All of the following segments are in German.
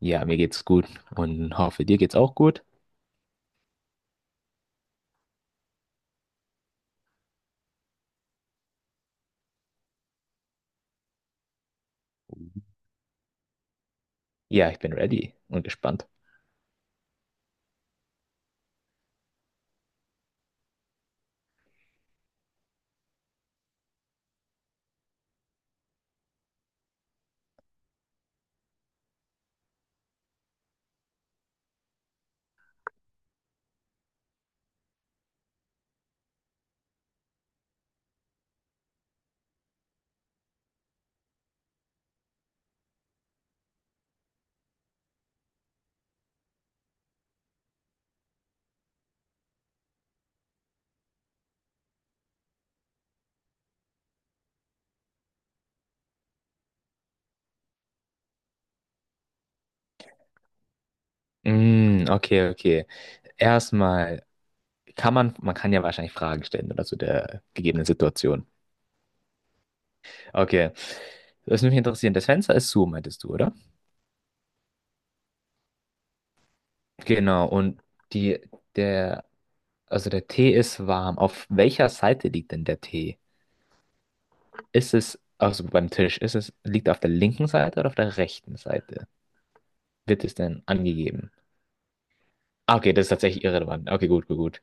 Ja, mir geht's gut und hoffe, dir geht's auch gut. Ja, ich bin ready und gespannt. Mm, okay, okay. Erstmal man kann ja wahrscheinlich Fragen stellen oder zu der gegebenen Situation. Okay, das würde mich interessieren. Das Fenster ist zu, meintest du, oder? Genau, und die, der, also der Tee ist warm. Auf welcher Seite liegt denn der Tee? Also beim Tisch, ist es, liegt er auf der linken Seite oder auf der rechten Seite? Wird es denn angegeben? Ah, okay, das ist tatsächlich irrelevant. Okay, gut, gut, gut.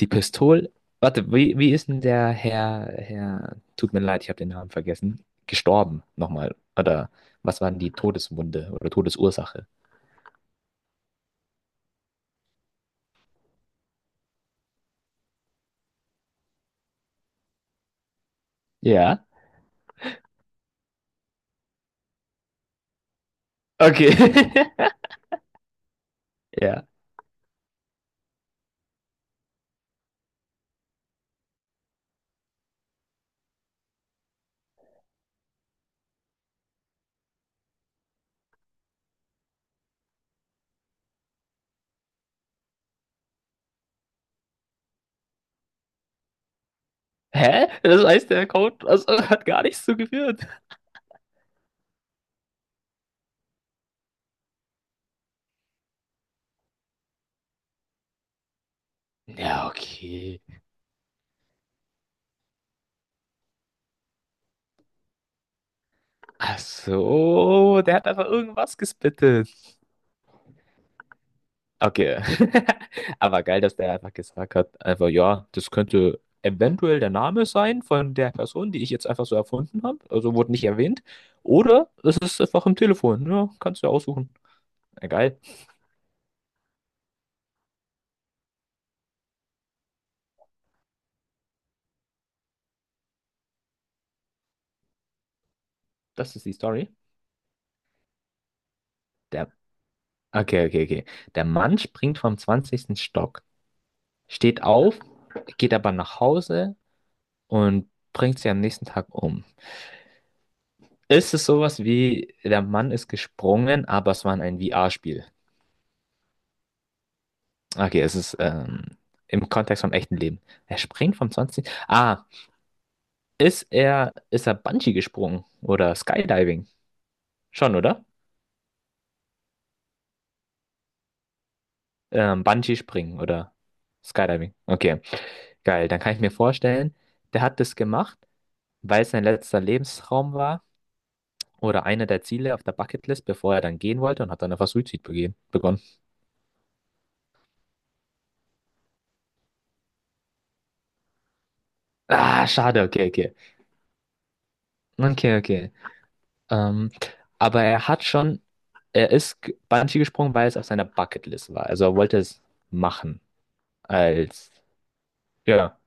Die Pistole. Warte, wie ist denn der Herr, tut mir leid, ich habe den Namen vergessen, gestorben nochmal? Oder was waren die Todeswunde oder Todesursache? Ja. Okay. Ja. Hä? Das heißt, der Code also, hat gar nichts zugeführt. Ja, okay. Ach so, der hat einfach irgendwas gespittet. Okay. Aber geil, dass der einfach gesagt hat, einfach, ja, das könnte eventuell der Name sein von der Person, die ich jetzt einfach so erfunden habe. Also wurde nicht erwähnt. Oder es ist einfach im Telefon. Ja, kannst du ja aussuchen. Ja, geil. Das ist die Story. Der, okay, okay, okay. Der Mann springt vom zwanzigsten Stock, steht auf, geht aber nach Hause und bringt sie am nächsten Tag um. Ist es sowas wie, der Mann ist gesprungen, aber es war ein VR-Spiel? Okay, es ist im Kontext vom echten Leben. Er springt vom 20. Ah, ist er Bungee gesprungen oder Skydiving? Schon, oder? Bungee springen oder Skydiving. Okay, geil. Dann kann ich mir vorstellen, der hat das gemacht, weil es sein letzter Lebensraum war oder einer der Ziele auf der Bucketlist, bevor er dann gehen wollte und hat dann einfach begonnen. Ah, schade. Okay, okay. Okay, okay. Ähm, aber er hat schon, er ist Bungee gesprungen, weil es auf seiner Bucketlist war. Also er wollte es machen als, ja,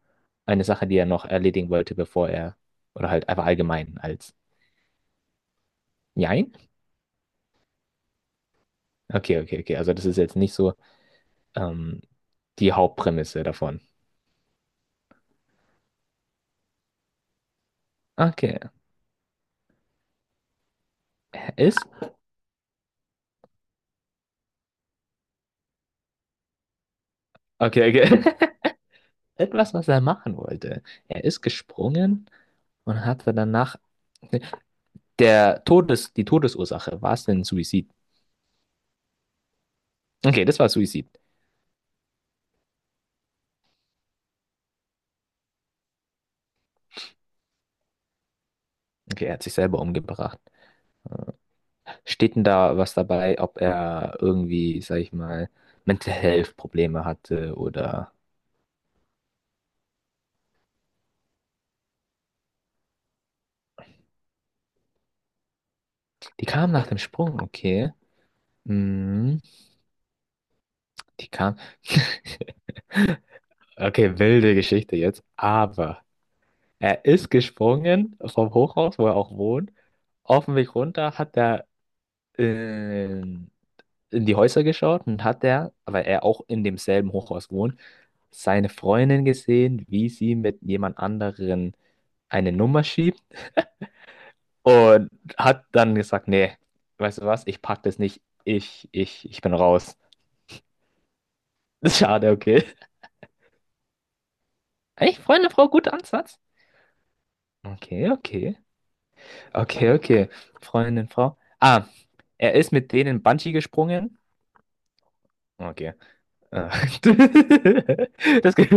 eine Sache, die er noch erledigen wollte, bevor er, oder halt einfach allgemein als, nein? Okay, okay, okay. Also das ist jetzt nicht so ähm, die Hauptprämisse davon. Okay, er ist, okay, okay. Etwas, was er machen wollte. Er ist gesprungen und hatte danach die Todesursache, war es denn Suizid? Okay, das war Suizid. Okay, er hat sich selber umgebracht. Steht denn da was dabei, ob er irgendwie, sag ich mal, Mental Health Probleme hatte oder. Die kam nach dem Sprung, okay. Mhm, die kam. Okay, wilde Geschichte jetzt. Aber er ist gesprungen vom Hochhaus, wo er auch wohnt. Auf dem Weg runter hat er in, in die Häuser geschaut und hat er, weil er auch in demselben Hochhaus wohnt, seine Freundin gesehen, wie sie mit jemand anderen eine Nummer schiebt. Und hat dann gesagt, nee, weißt du was, ich pack das nicht. Ich bin raus. Schade, okay. Echt, Freundin, Frau, guter Ansatz. Okay, okay. Okay, okay. Freundin, Frau. Ah, er ist mit denen Bungee gesprungen. Okay. Ah. Das gibt.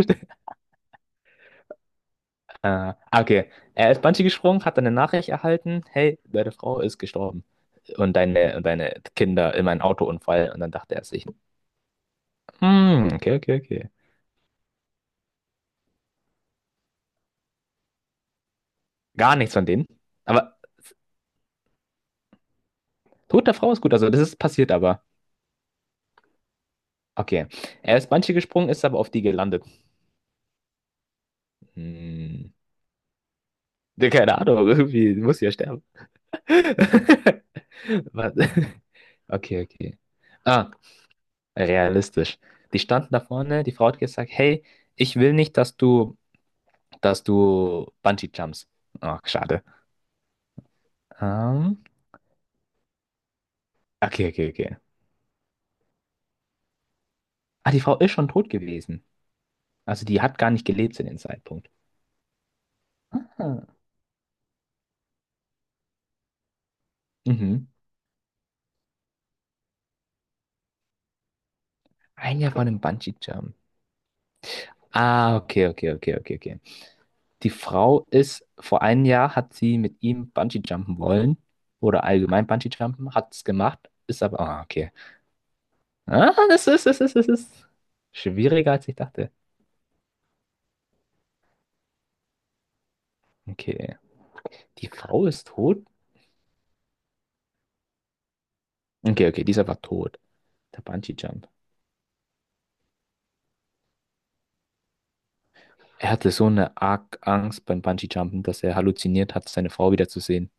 Ah, ah, okay. Er ist Bungee gesprungen, hat dann eine Nachricht erhalten. Hey, deine Frau ist gestorben. Und deine Kinder in einem Autounfall. Und dann dachte er sich, hm, okay, okay, okay. Gar nichts von denen. Aber tote Frau ist gut, also das ist passiert aber. Okay. Er ist Bungee gesprungen, ist aber auf die gelandet. Hm. Ja, keine Ahnung, irgendwie muss sie ja sterben. Was? Okay, okay. Ah, realistisch. Die standen da vorne, die Frau hat gesagt, hey, ich will nicht, dass du Bungee jumps. Ach, schade. Ähm, okay, okay, okay. Ah, die Frau ist schon tot gewesen. Also die hat gar nicht gelebt zu dem Zeitpunkt. Ah, mhm. Ein Jahr vor dem Bungee Jump. Ah, okay, okay, okay, okay, okay. Die Frau ist, vor einem Jahr hat sie mit ihm Bungee-Jumpen wollen oder allgemein Bungee-Jumpen, hat es gemacht, ist aber, ah, okay. Ah, das ist schwieriger, als ich dachte. Okay. Die Frau ist tot? Okay, okay, dieser war tot. Der Bungee-Jump. Er hatte so eine arg Angst beim Bungee-Jumpen, dass er halluziniert hat, seine Frau wiederzusehen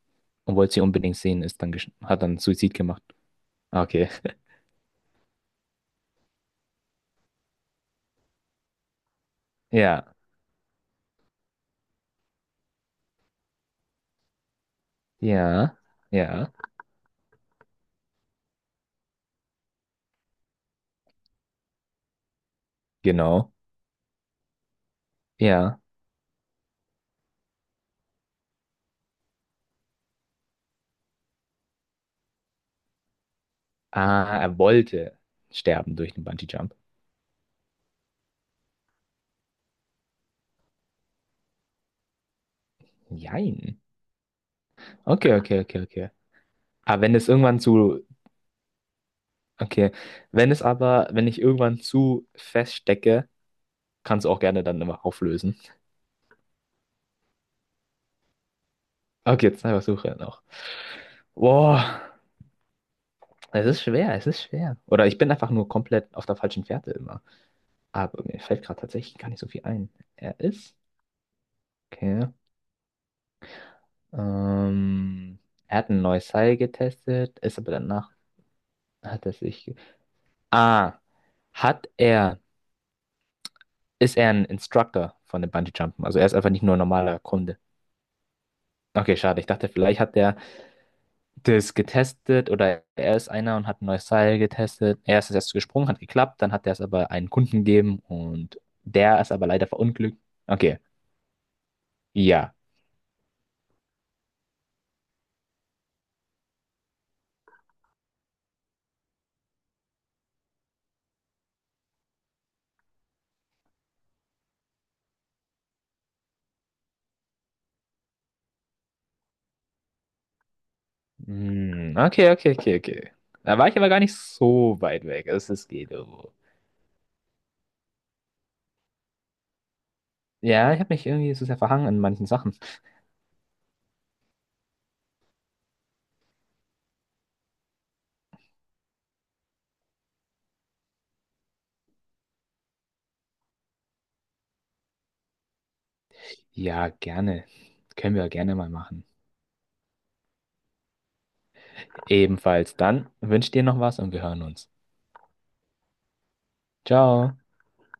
und wollte sie unbedingt sehen, hat dann Suizid gemacht. Ah, okay. Ja, ja, ja, genau. Ja. Ah, er wollte sterben durch den Bungee-Jump. Jein. Okay, okay, okay, okay. Aber wenn es irgendwann zu. Okay. Wenn es aber, wenn ich irgendwann zu feststecke, kannst du auch gerne dann immer auflösen. Okay, zwei Versuche noch. Boah, es ist schwer, es ist schwer. Oder ich bin einfach nur komplett auf der falschen Fährte immer. Aber mir fällt gerade tatsächlich gar nicht so viel ein. Er ist. Okay. Ähm, er hat ein neues Seil getestet, ist aber danach hat er sich. Ah. Hat er ist er ein Instructor von dem Bungee-Jumpen. Also er ist einfach nicht nur ein normaler Kunde. Okay, schade. Ich dachte, vielleicht hat der das getestet oder er ist einer und hat ein neues Seil getestet. Er ist erst gesprungen, hat geklappt, dann hat er es aber einen Kunden gegeben und der ist aber leider verunglückt. Okay, ja. Hm, okay, okay, okay, okay. Da war ich aber gar nicht so weit weg. Also es ist geht irgendwo. Ja, ich habe mich irgendwie so sehr verhangen in manchen Sachen. Ja, gerne. Können wir gerne mal machen. Ebenfalls dann wünsche dir noch was und wir hören uns. Ciao.